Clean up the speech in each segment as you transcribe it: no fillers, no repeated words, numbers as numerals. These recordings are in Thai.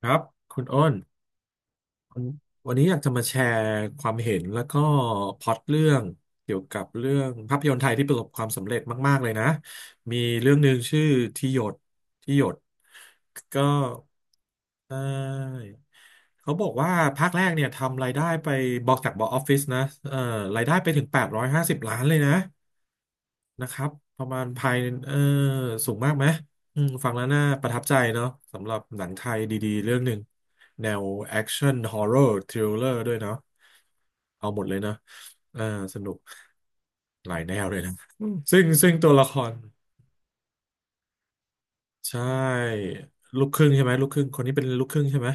ครับคุณอ้นวันวันนี้อยากจะมาแชร์ความเห็นแล้วก็พล็อตเรื่องเกี่ยวกับเรื่องภาพยนตร์ไทยที่ประสบความสำเร็จมากๆเลยนะมีเรื่องหนึ่งชื่อที่หยดที่หยดก็ใช่เขาบอกว่าภาคแรกเนี่ยทำรายได้ไปบอกออฟฟิศนะเอ่อรายได้ไปถึง850ล้านเลยนะ นะครับ ประมาณภายเออสูงมากไหมอืมฟังแล้วน่าประทับใจเนาะสำหรับหนังไทยดีๆเรื่องหนึ่งแนวแอคชั่นฮอ r ์เรอรทริลเลอร์ด้วยเนาะเอาหมดเลยเนาะเออสนุกหลายแนวเลยนะอืมซึ่งตัวละคร ใช่ลูกครึ่งใช่ไหมลูกครึ่งคนนี้เป็นลูกครึ่งใช่ไหม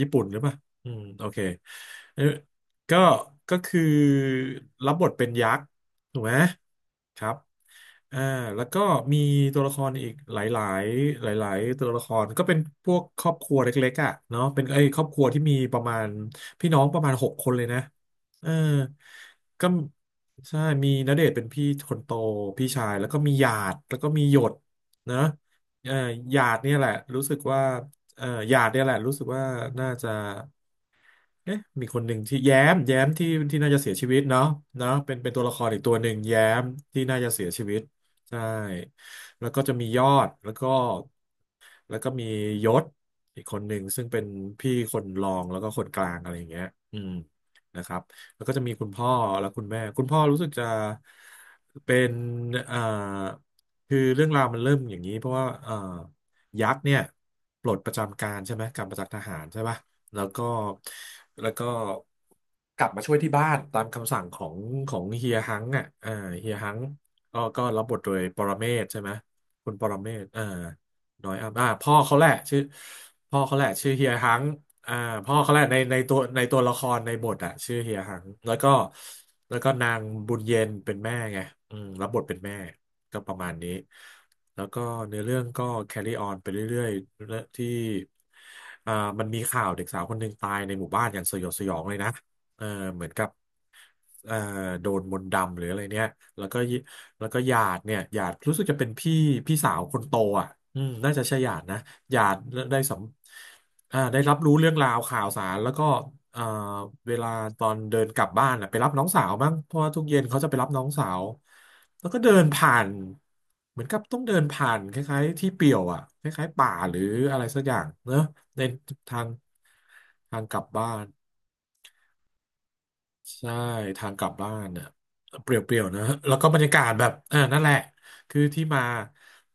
ญี่ปุ่นหรือเปล่าอืมโอเคเอ้ยก็ก็คือรับบทเป็นยักษ์ถูกไหมครับอ่าแล้วก็มีตัวละครอีกหลายๆหลายๆตัวละครก็เป็นพวกครอบครัวเล็กๆอ่ะเนาะเป็นไอ้ยครอบครัวที่มีประมาณพี่น้องประมาณหกคนเลยนะเออก็ใช่มีณเดชน์เป็นพี่คนโตพี่ชายแล้วก็มีหยาดแล้วก็มีหยดนะ เอ่อหยาดเนี่ยแหละรู้สึกว่าเอ่อหยาดเนี่ยแหละรู้สึกว่าน่าจะเอ๊ะมีคนหนึ่งที่แย้มที่น่าจะเสียชีวิตเนาะเนาะเป็นตัวละครอีกตัวหนึ่งแย้มที่น่าจะเสียชีวิตใช่แล้วก็จะมียอดแล้วก็ แล้วก็มียศอีกคนหนึ่งซึ่งเป็นพี่คนรองแล้วก็คนกลางอะไรอย่างเงี้ยอืมนะครับแล้วก็จะมีคุณพ่อและคุณแม่คุณพ่อรู้สึกจะเป็นเอ่อคือเรื่องราวมันเริ่มอย่างนี้เพราะว่ายักษ์เนี่ยปลดประจำการใช่ไหมกลับมาจากทหารใช่ปะแล้วก็แล้วก็กลับมาช่วยที่บ้านตามคำสั่งของเฮียฮังอ่ะเอ่าเฮียฮังก็รับบทโดยปรเมศใช่ไหมคุณปรเมศอ่า ดอยอัมอ่าพ่อเขาแหละชื่อเฮียฮังอ่าพ่อเขาแหละในในตัวละครในบทอ่ะชื่อเฮียฮังแล้วก็นางบุญเย็นเป็นแม่ไงอืมรับบทเป็นแม่ก็ประมาณนี้แล้วก็เนื้อเรื่องก็ carry on ไปเรื่อยๆเรื่องที่อ่ามันมีข่าวเด็กสาวคนหนึ่งตายในหมู่บ้านอย่างสยดสยองเลยนะเออเหมือนกับ เอ่อโดนมนต์ดำหรืออะไรเนี่ยแล้วก็แล้วก็หยาดเนี่ยหยาดรู้สึกจะเป็นพี่พี่สาวคนโตอ่ะอืมน่าจะใช่หยาดนะหยาดได้สัมอ่าได้รับรู้เรื่องราวข่าวสารแล้วก็เอ่อเวลาตอนเดินกลับบ้านอ่ะไปรับน้องสาวบ้างเพราะว่าทุกเย็นเขาจะไปรับน้องสาวแล้วก็เดินผ่านเหมือนกับต้องเดินผ่านคล้ายๆที่เปลี่ยวอ่ะคล้ายๆป่าหรืออะไรสักอย่างเนอะในทางทางกลับบ้าน ใช่ทางกลับบ้านเนี่ยเปรียวๆนะแล้วก็บรรยากาศแบบอ่านั่นแหละคือที่มา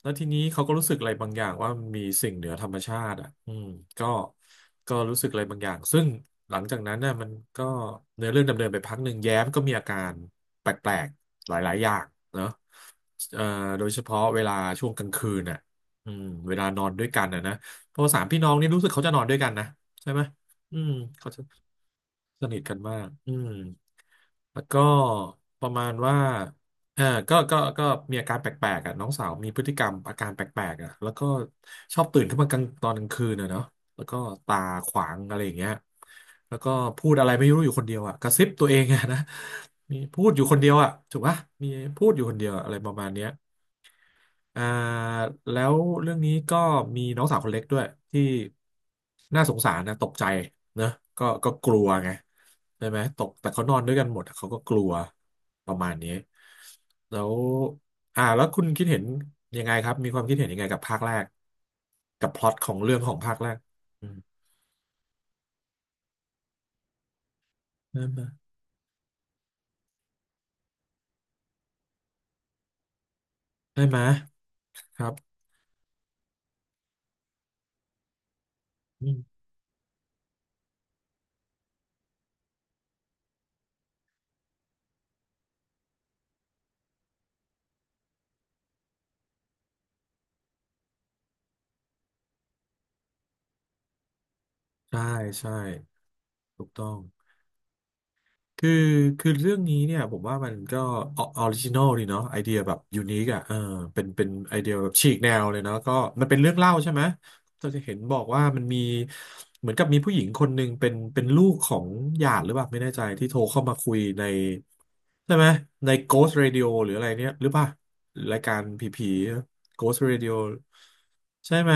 แล้วทีนี้เขาก็รู้สึกอะไรบางอย่างว่ามีสิ่งเหนือธรรมชาติอ่ะอืมก็ก็รู้สึกอะไรบางอย่างซึ่งหลังจากนั้นน่ะมันก็เนื้อเรื่องดำเนินไปพักหนึ่งแย้มก็มีอาการแปลกๆหลายๆอย่างเนอะเอ่อโดยเฉพาะเวลาช่วงกลางคืนน่ะอืมเวลานอนด้วยกันน่ะนะเพราะสามพี่น้องนี่รู้สึกเขาจะนอนด้วยกันนะใช่ไหม อืมเขาจะสนิทกันมากอืมแล้วก็ประมาณว่าเออก็มีอาการแปลกๆอ่ะน้องสาวมีพฤติกรรมอาการแปลกๆอ่ะแล้วก็ชอบตื่นขึ้นมากลางตอนกลางคืนอ่ะเนาะแล้วก็ตาขวางอะไรอย่างเงี้ยแล้วก็พูดอะไรไม่รู้อยู่คนเดียวอ่ะกระซิบตัวเองอ่ะนะมีพูดอยู่คนเดียวอ่ะถูกปะมีพูดอยู่คนเดียวอะอะไรประมาณเนี้ย อ่าแล้วเรื่องนี้ก็มีน้องสาวคนเล็กด้วยที่น่าสงสารนะตกใจนะก็กลัวไงใช่ไหมตกแต่เขานอนด้วยกันหมดเขาก็กลัวประมาณนี้แล้วแล้วคุณคิดเห็นยังไงครับมีความคิดเห็นยังไงกับภาคแรกกับพล็อตของเรื่องของภาคแรกอืมได้ไหมได้ไหมครับอืมใช่ใช่ถูกต้อง คือคือเรื่องนี้เนี่ยผมว่ามันก็ออริจินอลดีเนาะไอเดียแบบยูนิคอ่ะเออเป็นไอเดียแบบฉีกแนวเลยเนาะก็มันเป็นเรื่องเล่าใช่ไหมเราจะเห็นบอกว่ามันมีเหมือนกับมีผู้หญิงคนหนึ่งเป็นลูกของหยาดหรือเปล่าไม่แน่ใจที่โทรเข้ามาคุยในใช่ไหมใน Ghost Radio หรืออะไรเนี่ยหรือเปล่ารายการผีๆ Ghost Radio ใช่ไหม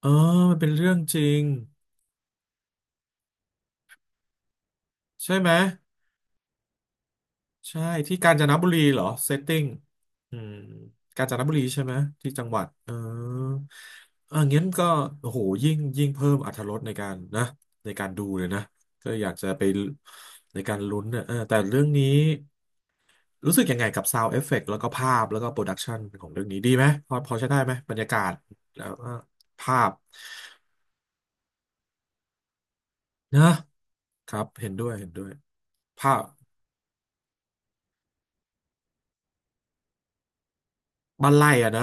เออมันเป็นเรื่องจริงใช่ไหม ใช่ที่กาญจนบุรีเหรอเซตติ้งอืมกาญจนบุรีใช่ไหมที่จังหวัดเออเอองั้นก็โอ้โหยิ่งยิ่งเพิ่มอรรถรสในการนะในการดูเลยนะก็อยากจะไปในการลุ้นเนี่ยเออแต่เรื่องนี้รู้สึกยังไงกับซาวด์เอฟเฟกต์แล้วก็ภาพแล้วก็โปรดักชันของเรื่องนี้ดีไหมพอพอใช้ได้ไหมบรรยากาศแล้วก็ภาพนะครับเห็นด้วยเห็นด้วยภาพ บ้านไร่อะนะ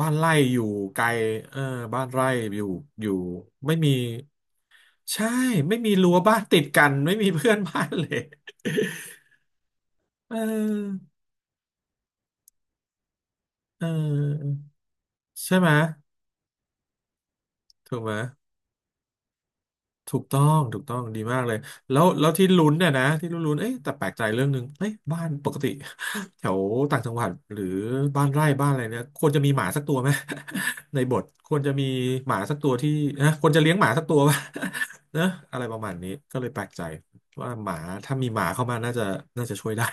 บ้านไร่อยู่ไกลเออบ้านไร่อยู่อยู่ไม่มีใช่ไม่มีรั้วบ้านติดกันไม่มีเพื่อนบ้านเลยเออเออใช่ไหมถูกไหม ถูกต้องถูกต้องดีมากเลย แล้วแล้วที่ลุ้นเนี่ยนะที่ลุ้นลุ้นเอ๊ะแต่แปลกใจเรื่องหนึ่งเอ๊ะบ้านปกติ แถวต่างจังหวัดหรือบ้านไร่บ้านอะไรเนี่ยควรจะมีหมาสักตัวไหม ในบทควรจะมีหมาสักตัวที่นะควรจะเลี้ยงหมาสักตัวป่ะ นะอะไรประมาณนี้ก็เลยแปลกใจว่าหมาถ้ามีหมาเข้ามาน่าจะน่าจะช่วยได้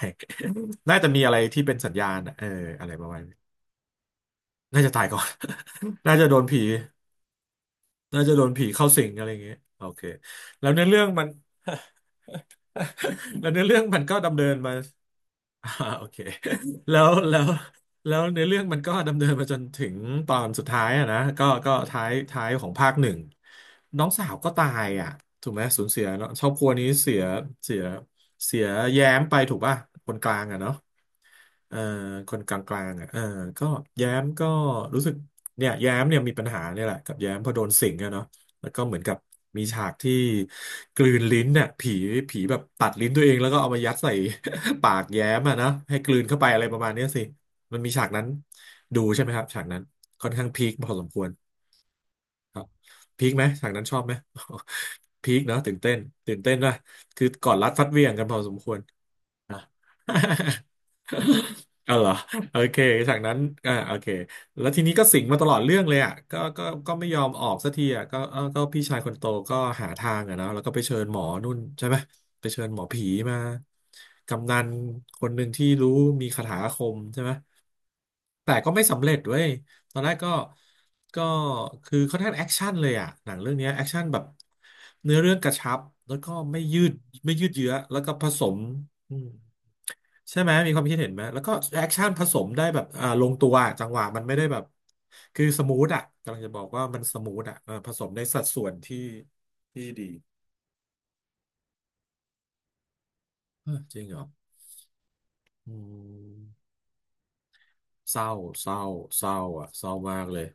น่าจะมีอะไรที่เป็นสัญญาณอะเอออะไรประมาณนี้น่าจะตายก่อน น่าจะโดนผี น่าจะโดนผีเข้าสิงอะไรอย่างเงี้ยโอเคแล้วในอเรื่องมัน แล้วในอเรื่องมันก็ดำเนินมา อ่าโอเคแล้วแล้วแล้วในอเรื่องมันก็ดำเนินมาจนถึงตอนสุดท้ายอะนะก็ก็ท้ายท้ายของภาคหนึ่งน้องสาวก็ตายอ่ะถูกไหมสูญเสียเนาะครอบครัวนี้เสียเสียเสียแย้มไปถูกป่ะคนกลางอ่ะเนาะ เอ่อคนกลางๆอ่ะเออก็แย้มก็รู้สึกเนี่ยแย้มเนี่ยมีปัญหาเนี่ยแหละกับแย้มเพอโดนสิงอะเนาะแล้วก็เหมือนกับมีฉากที่กลืนลิ้นเนี่ยผีผีแบบตัดลิ้นตัวเองแล้วก็เอามายัดใส่ ปากแย้มอะนะให้กลืนเข้าไปอะไรประมาณเนี้ยสิมันมีฉากนั้นดูใช่ไหมครับฉากนั้นค่อนข้างพีคพอสมควรครับพีคไหมฉากนั้นชอบไหม พีค เนาะตื่นเต้นตื่นเต้นนะคือก่อนรัดฟัดเหวี่ยงกันพอสมควร นะ เอาเหรอโอเคจากนั้นอ่าโอเคแล้วทีนี้ก็สิงมาตลอดเรื่องเลยอ่ะก็ก็ก็ไม่ยอมออกสักทีอ่ะก็เออก็พี่ชายคนโตก็หาทางอ่ะเนอะแล้วก็ไปเชิญหมอนู่นใช่ไหมไปเชิญหมอผีมากำนันคนหนึ่งที่รู้มีคาถาอาคมใช่ไหมแต่ก็ไม่สำเร็จเว้ย ตอนแรกก็ก็คือค่อนข้างแอคชั่นเลยอ่ะหนังเรื่องเนี้ยแอคชั่นแบบเนื้อเรื่องกระชับแล้วก็ไม่ยืดไม่ยืดเยื้อแล้วก็ผสมอืมใช่ไหมมีความคิดเห็นไหมแล้วก็แอคชั่นผสมได้แบบอ่าลงตัวอะจังหวะมันไม่ได้แบบคือสมูทอ่ะกำลังจะบอกว่ามันสมูทอ่ะเออผสมในสัดส่วนที่ที่ดีเออจริงเหรออืม เศร้าเศร้าเศร้าอ่ะเศร้ามากเลย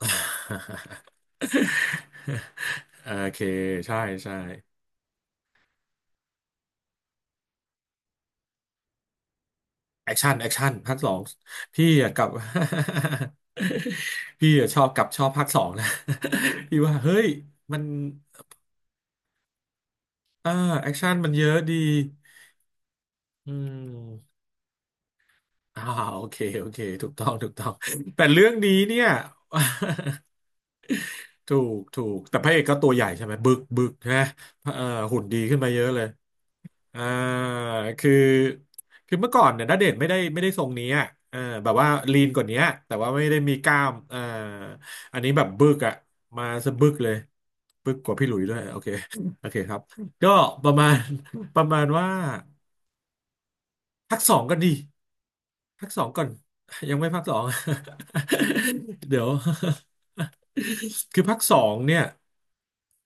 โอเคใช่ใช่แอคชั่นแอคชั่นภาคสองพี่อะกลับ พี่อะชอบกลับชอบภาคสองนะ พี่ว่าเฮ้ยมันอ่าแอคชั่นมันเยอะดีอืมอ่าโอเคโอเคถูกต้องถูกต้องแต่เรื่องนี้เนี่ย ถูกถูกแต่พระเอกก็ตัวใหญ่ใช่ไหมบึกบึกนะเออหุ่นดีขึ้นมาเยอะเลย อ่าคือคือเมื่อก่อนเนี่ยณเดชน์ไม่ได้ทรงนี้อ่ะเออแบบว่าลีนกว่านี้ แต่ว่าไม่ได้มีกล้ามอ่าอันนี้แบบบึกอ่ะมาสะบึกเลย บึกกว่าพี่หลุยส์ด้วยโอเคโอเคครับ ก็ประมาณประมาณว่าพักสองกันดีพักสองก่อนยังไม่พักสอง เดี๋ยว คือภาคสองเนี่ย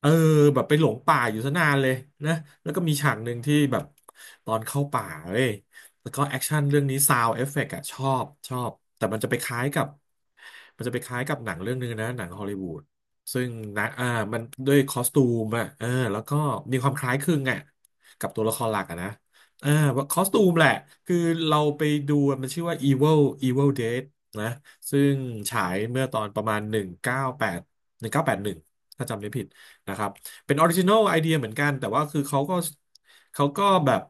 เออแบบไปหลงป่าอยู่ซะนานเลยนะแล้วก็มีฉากหนึ่งที่แบบตอนเข้าป่าเว้ยแล้วก็แอคชั่นเรื่องนี้ซาว d e เอฟเฟกต์อะชอบชอบแต่มันจะไปคล้ายกับมันจะไปคล้ายกับหนังเรื่องหนึงนะหนังฮอลลีวูดซึ่งนะอ่ามันด้วยคอสตูมอะเออแล้วก็มีความคล้ายคลึงอะกับตัวละครหลักอะนะอ่าว่าคอสตูมแหละคือเราไปดูมันชื่อว่า Evil Evil Dead นะซึ่งฉายเมื่อตอนประมาณ 198 1981ถ้าจำไม่ผิดนะครับเป็นออริจิน l ลไอเดียเหมือนกันแต่ว่าคือเขาก็แบบ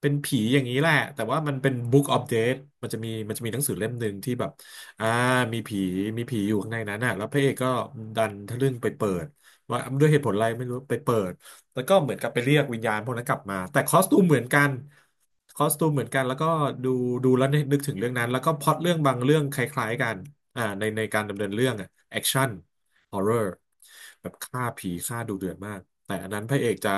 เป็นผีอย่างนี้แหละแต่ว่ามันเป็น Book of Death มันจะมีหนังสือเล่มหนึ่งที่แบบอ่ามีผีมีผีอยู่ข้างในนั้นน่ะแล้วพระเอกก็ดันทะลึ่งไปเปิดว่าด้วยเหตุผลอะไรไม่รู้ไปเปิด แล้วก็เหมือนกับไปเรียกวิญญาณพวกนั้นกลับมา แต่คอสตูมเหมือนกันคอสตูมเหมือนกัน แล้วก็ดูดูแล้วนึกถึงเรื่องนั้น แล้วก็พล็อตเรื่องบางเรื่องคล้ายๆกันในการดำเนินเรื่องอะแอคชั่นฮอร์เรอร์แบบฆ่าผีฆ่าดูเดือดมาก แต่อันนั้นพระเอกจะ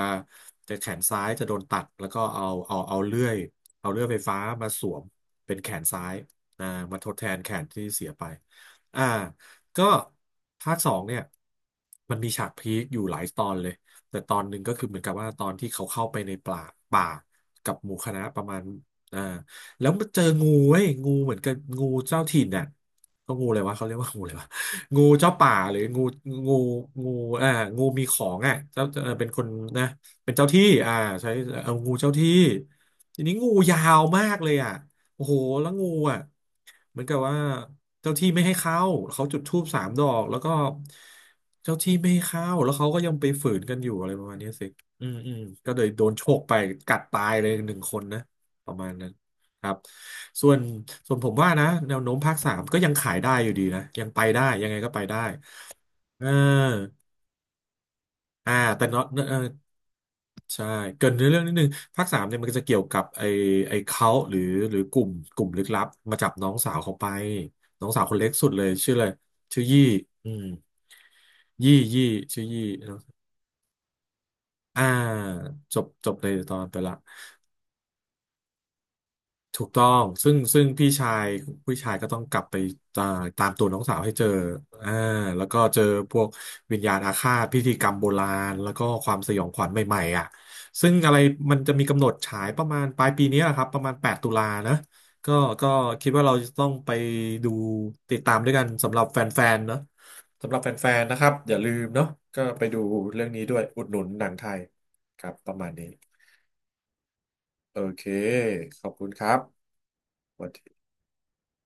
จะแขนซ้ายจะโดนตัด แล้วก็เอาเลื่อยเอาเลื่อยไฟฟ้ามาสวมเป็นแขนซ้ายอ่ามาทดแทนแขนที่เสียไปอ่าก็ภาคสองเนี่ยมันมีฉากพีคอยู่หลายตอนเลย แต่ตอนหนึ่งก็คือเหมือนกับว่าตอนที่เขาเข้าไปในป่ากับหมู่คณะประมาณอ่าแล้วมาเจองูเว้ยงูเหมือนกับงูเจ้าถิ่นน่ะก็งูอะไรวะเขาเรียกว่างูอะไรวะงูเจ้าป่าหรืองูงูงูอ่า งูมีของอ่ะเจ้าเออเป็นคนนะเป็นเจ้าที่อ่าใช้เอางูเจ้าที่ทีนี้งูยาวมากเลยอ่ะ โอ้โหแล้วงูอ่ะเหมือนกับว่าเจ้าที่ไม่ให้เข้าเขาจุดธูปสามดอกแล้วก็เจ้าที่ไม่ให้เข้าแล้วเขาก็ยังไปฝืนกันอยู่อะไรประมาณเนี้ยสิอืมอืมก็เลยโดนโชกไปกัดตายเลยหนึ่งคนนะประมาณนั้นครับส่วนส่วนผมว่านะแนวโน้มภาคสามก็ยังขายได้อยู่ดีนะยังไปได้ยังไงก็ไปได้เออแต่เนาะเออ ใช่เกรินในเรื่องนิดนึงภาคสามเนี่ยมันก็จะเกี่ยวกับไอ้เขาหรือหรือกลุ่มลึกลับมาจับน้องสาวเขาไปน้องสาวคนเล็กสุดเลยชื่ออะไรชื่อยี่อืมยี่ยี่ชื่อยี่เนอะอ่าจบจบในตอนไปละ ถูกต้องซึ่งพี่ชายผู้ชายก็ต้องกลับไปตาตามตัวน้องสาวให้เจออ่าแล้วก็เจอพวกวิญญาณอาฆาตพิธีกรรมโบราณแล้วก็ความสยองขวัญใหม่ๆอ่ะซึ่งอะไรมันจะมีกำหนดฉายประมาณปลายปีนี้แหละครับประมาณ8 ตุลานะก็ก็คิดว่าเราจะต้องไปดูติดตามด้วยกันสำหรับแฟนๆเนาะสำหรับแฟนๆนะครับอย่าลืมเนาะก็ไปดูเรื่องนี้ด้วยอุดหนุนหนังไทยครับประมาณนี้โอเคขอบคุณครับสวัสดี